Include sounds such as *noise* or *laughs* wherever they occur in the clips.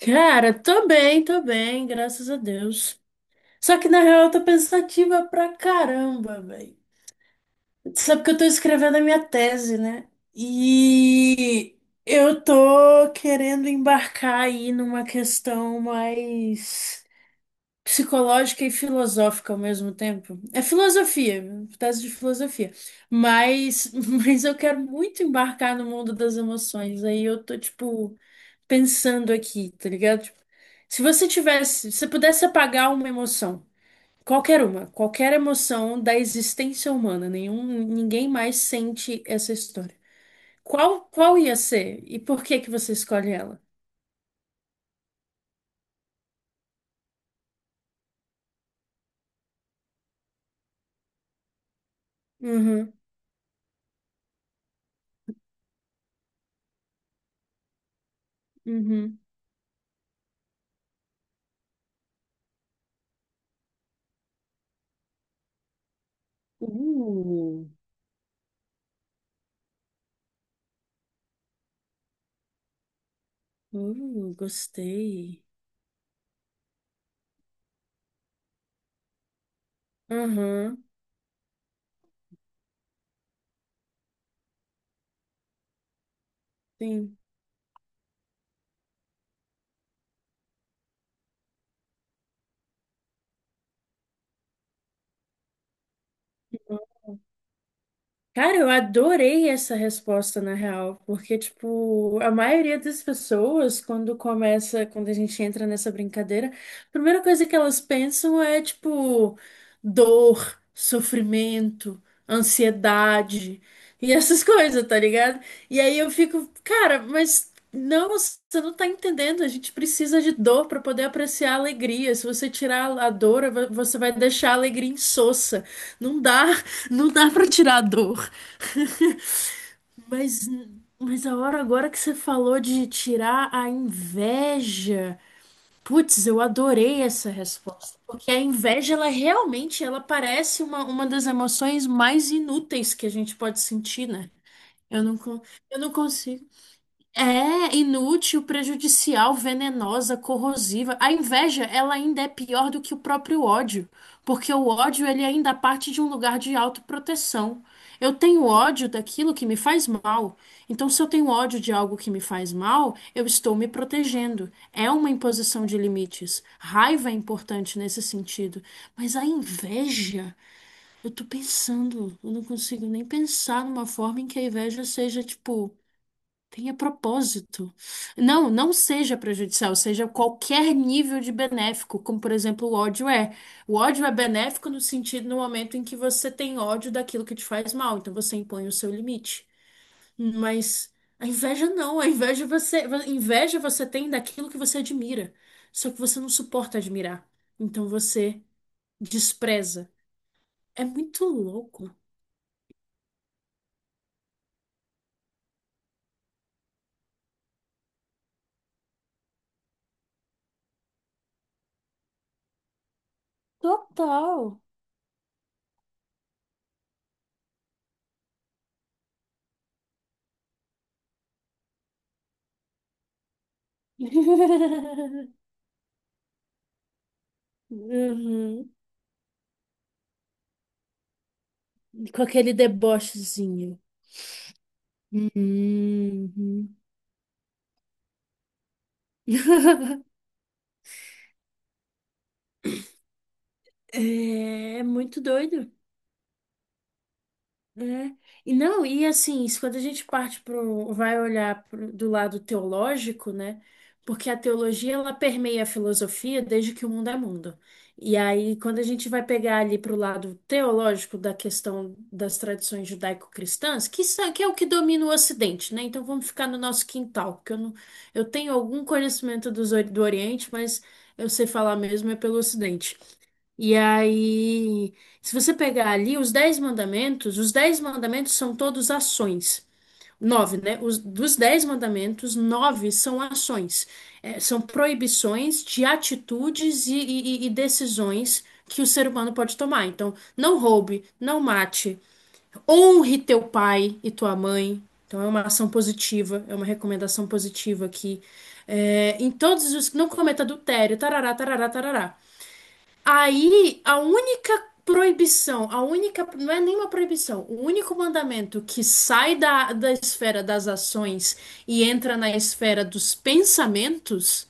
Cara, tô bem, graças a Deus. Só que na real eu tô pensativa pra caramba, velho. Sabe que eu tô escrevendo a minha tese, né? E eu tô querendo embarcar aí numa questão mais psicológica e filosófica ao mesmo tempo. É filosofia, tese de filosofia. Mas, *laughs* mas eu quero muito embarcar no mundo das emoções. Aí eu tô tipo pensando aqui, tá ligado? Tipo, se você pudesse apagar uma emoção, qualquer emoção da existência humana, ninguém mais sente essa história. Qual ia ser e por que que você escolhe ela? Uhum, uhum. Uh, Gostei. Aham, sim. Cara, eu adorei essa resposta, na real, porque, tipo, a maioria das pessoas, quando começa, quando a gente entra nessa brincadeira, a primeira coisa que elas pensam é, tipo, dor, sofrimento, ansiedade e essas *laughs* coisas, tá ligado? E aí eu fico, cara, mas não, você não tá entendendo, a gente precisa de dor pra poder apreciar a alegria. Se você tirar a dor, você vai deixar a alegria insossa. Não dá. Não dá pra tirar a dor. Mas, mas a hora agora que você falou de tirar a inveja, putz, eu adorei essa resposta. Porque a inveja, ela realmente, ela parece uma das emoções mais inúteis que a gente pode sentir, né? Eu não, con- eu não consigo. É inútil, prejudicial, venenosa, corrosiva. A inveja, ela ainda é pior do que o próprio ódio, porque o ódio ele ainda parte de um lugar de autoproteção. Eu tenho ódio daquilo que me faz mal. Então, se eu tenho ódio de algo que me faz mal, eu estou me protegendo. É uma imposição de limites. Raiva é importante nesse sentido. Mas a inveja, eu tô pensando, eu não consigo nem pensar numa forma em que a inveja seja, tipo, tenha propósito. Não, não seja prejudicial, seja qualquer nível de benéfico, como por exemplo o ódio é. O ódio é benéfico no sentido no momento em que você tem ódio daquilo que te faz mal, então você impõe o seu limite. Mas a inveja não, a inveja você tem daquilo que você admira, só que você não suporta admirar. Então você despreza. É muito louco. Total. *laughs* Uhum. Com aquele debochezinho. Uhum. *laughs* É muito doido. Né? E não, e assim, isso quando a gente parte pro, vai olhar pro, do lado teológico, né? Porque a teologia ela permeia a filosofia desde que o mundo é mundo. E aí, quando a gente vai pegar ali pro lado teológico da questão das tradições judaico-cristãs, que, são- que é o que domina o Ocidente, né? Então vamos ficar no nosso quintal, porque eu não, eu tenho algum conhecimento do Oriente, mas eu sei falar mesmo é pelo Ocidente. E aí, se você pegar ali os dez mandamentos são todos ações. Nove, né? Dos dez mandamentos, nove são ações. É, são proibições de atitudes e decisões que o ser humano pode tomar. Então, não roube, não mate, honre teu pai e tua mãe. Então, é uma ação positiva, é uma recomendação positiva aqui. É, em todos os. Não cometa adultério, tarará, tarará, tarará. Aí, a única proibição, a única, não é nenhuma proibição, o único mandamento que sai da, da esfera das ações e entra na esfera dos pensamentos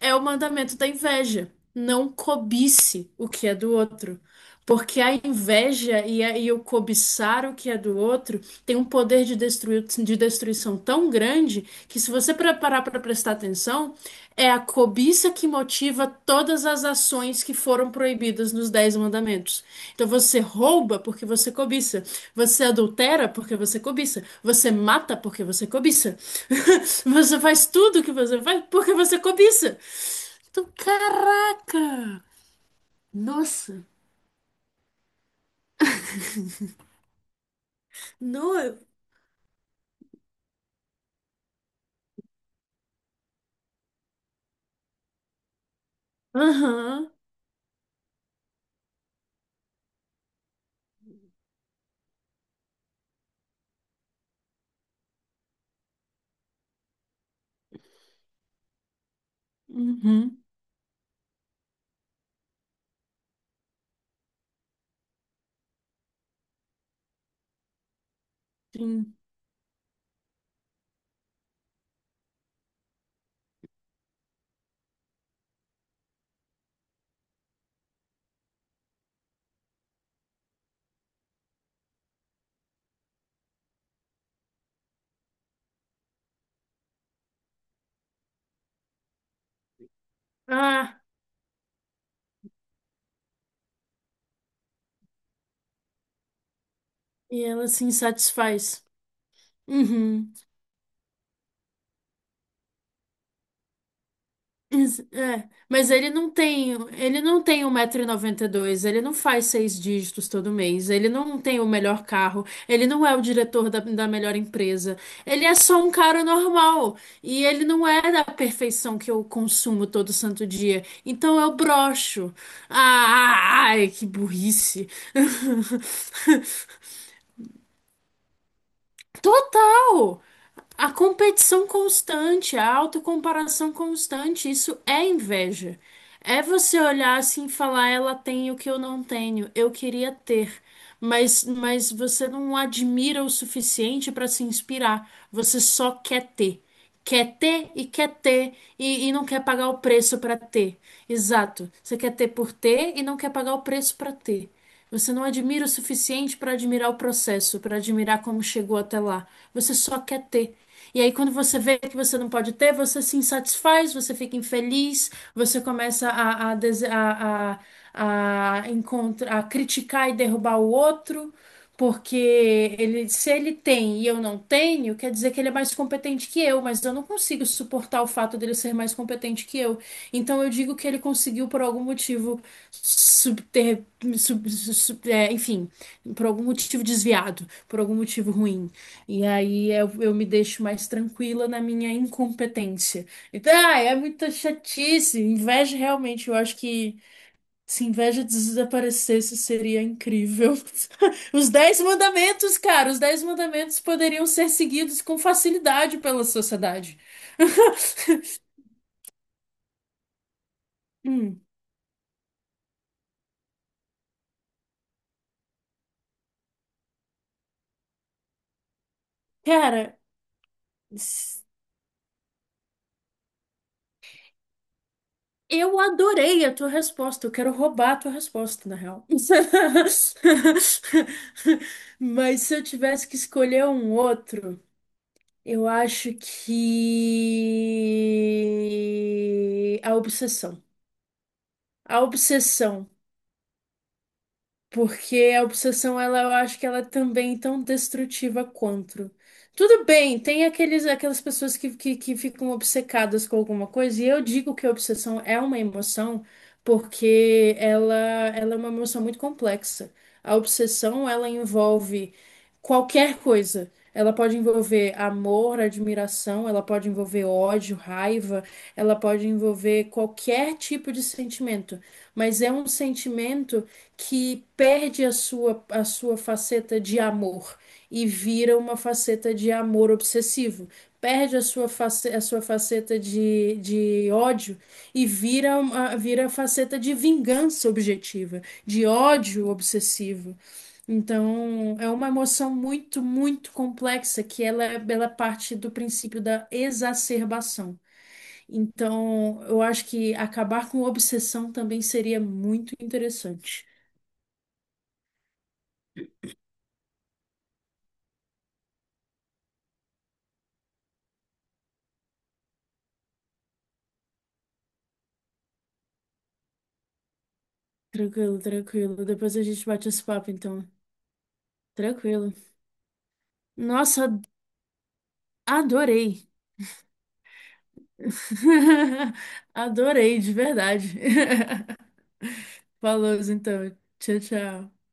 é o mandamento da inveja. Não cobice o que é do outro. Porque a inveja e o cobiçar o que é do outro tem um poder de, de destruição tão grande que, se você parar para prestar atenção, é a cobiça que motiva todas as ações que foram proibidas nos Dez Mandamentos. Então, você rouba porque você cobiça, você adultera porque você cobiça, você mata porque você cobiça, *laughs* você faz tudo que você faz porque você cobiça. Então, caraca! Nossa! Não. Aham. Uhum. Sim. Ah, e ela se insatisfaz. Uhum. É. Mas ele não tem 1,92 m, ele não faz seis dígitos todo mês, ele não tem o melhor carro, ele não é o diretor da, da melhor empresa, ele é só um cara normal e ele não é da perfeição que eu consumo todo santo dia. Então eu broxo. Ah, ai, que burrice. *laughs* Total! A competição constante, a autocomparação constante, isso é inveja. É você olhar assim e falar, ela tem o que eu não tenho, eu queria ter. Mas você não admira o suficiente para se inspirar, você só quer ter e quer ter e não quer pagar o preço para ter. Exato. Você quer ter por ter e não quer pagar o preço para ter. Você não admira o suficiente para admirar o processo, para admirar como chegou até lá. Você só quer ter. E aí, quando você vê que você não pode ter, você se insatisfaz, você fica infeliz, você começa a, dese- a, encontra- a criticar e derrubar o outro. Porque ele, se ele tem e eu não tenho, quer dizer que ele é mais competente que eu, mas eu não consigo suportar o fato dele ser mais competente que eu. Então eu digo que ele conseguiu, por algum motivo, subter, é, enfim, por algum motivo desviado, por algum motivo ruim. E aí eu me deixo mais tranquila na minha incompetência. Então, ah, é muita chatice, inveja realmente, eu acho que. Se inveja desaparecesse, seria incrível. *laughs* Os Dez Mandamentos, cara, os Dez Mandamentos poderiam ser seguidos com facilidade pela sociedade. *laughs* Hum, cara, s- eu adorei a tua resposta. Eu quero roubar a tua resposta, na real. *laughs* Mas se eu tivesse que escolher um outro, eu acho que a obsessão. A obsessão. Porque a obsessão, ela, eu acho que ela é também tão destrutiva quanto. Tudo bem, tem aqueles, aquelas pessoas que ficam obcecadas com alguma coisa, e eu digo que a obsessão é uma emoção porque ela é uma emoção muito complexa. A obsessão, ela envolve qualquer coisa. Ela pode envolver amor, admiração, ela pode envolver ódio, raiva, ela pode envolver qualquer tipo de sentimento, mas é um sentimento que perde a sua faceta de amor e vira uma faceta de amor obsessivo. Perde a sua, face, a sua faceta de ódio e vira, uma, vira a faceta de vingança objetiva, de ódio obsessivo. Então, é uma emoção muito, muito complexa que ela parte do princípio da exacerbação. Então, eu acho que acabar com obsessão também seria muito interessante. Tranquilo, tranquilo. Depois a gente bate esse papo, então. Tranquilo. Nossa, adorei. *laughs* Adorei, de verdade. *laughs* Falou, então. Tchau, tchau.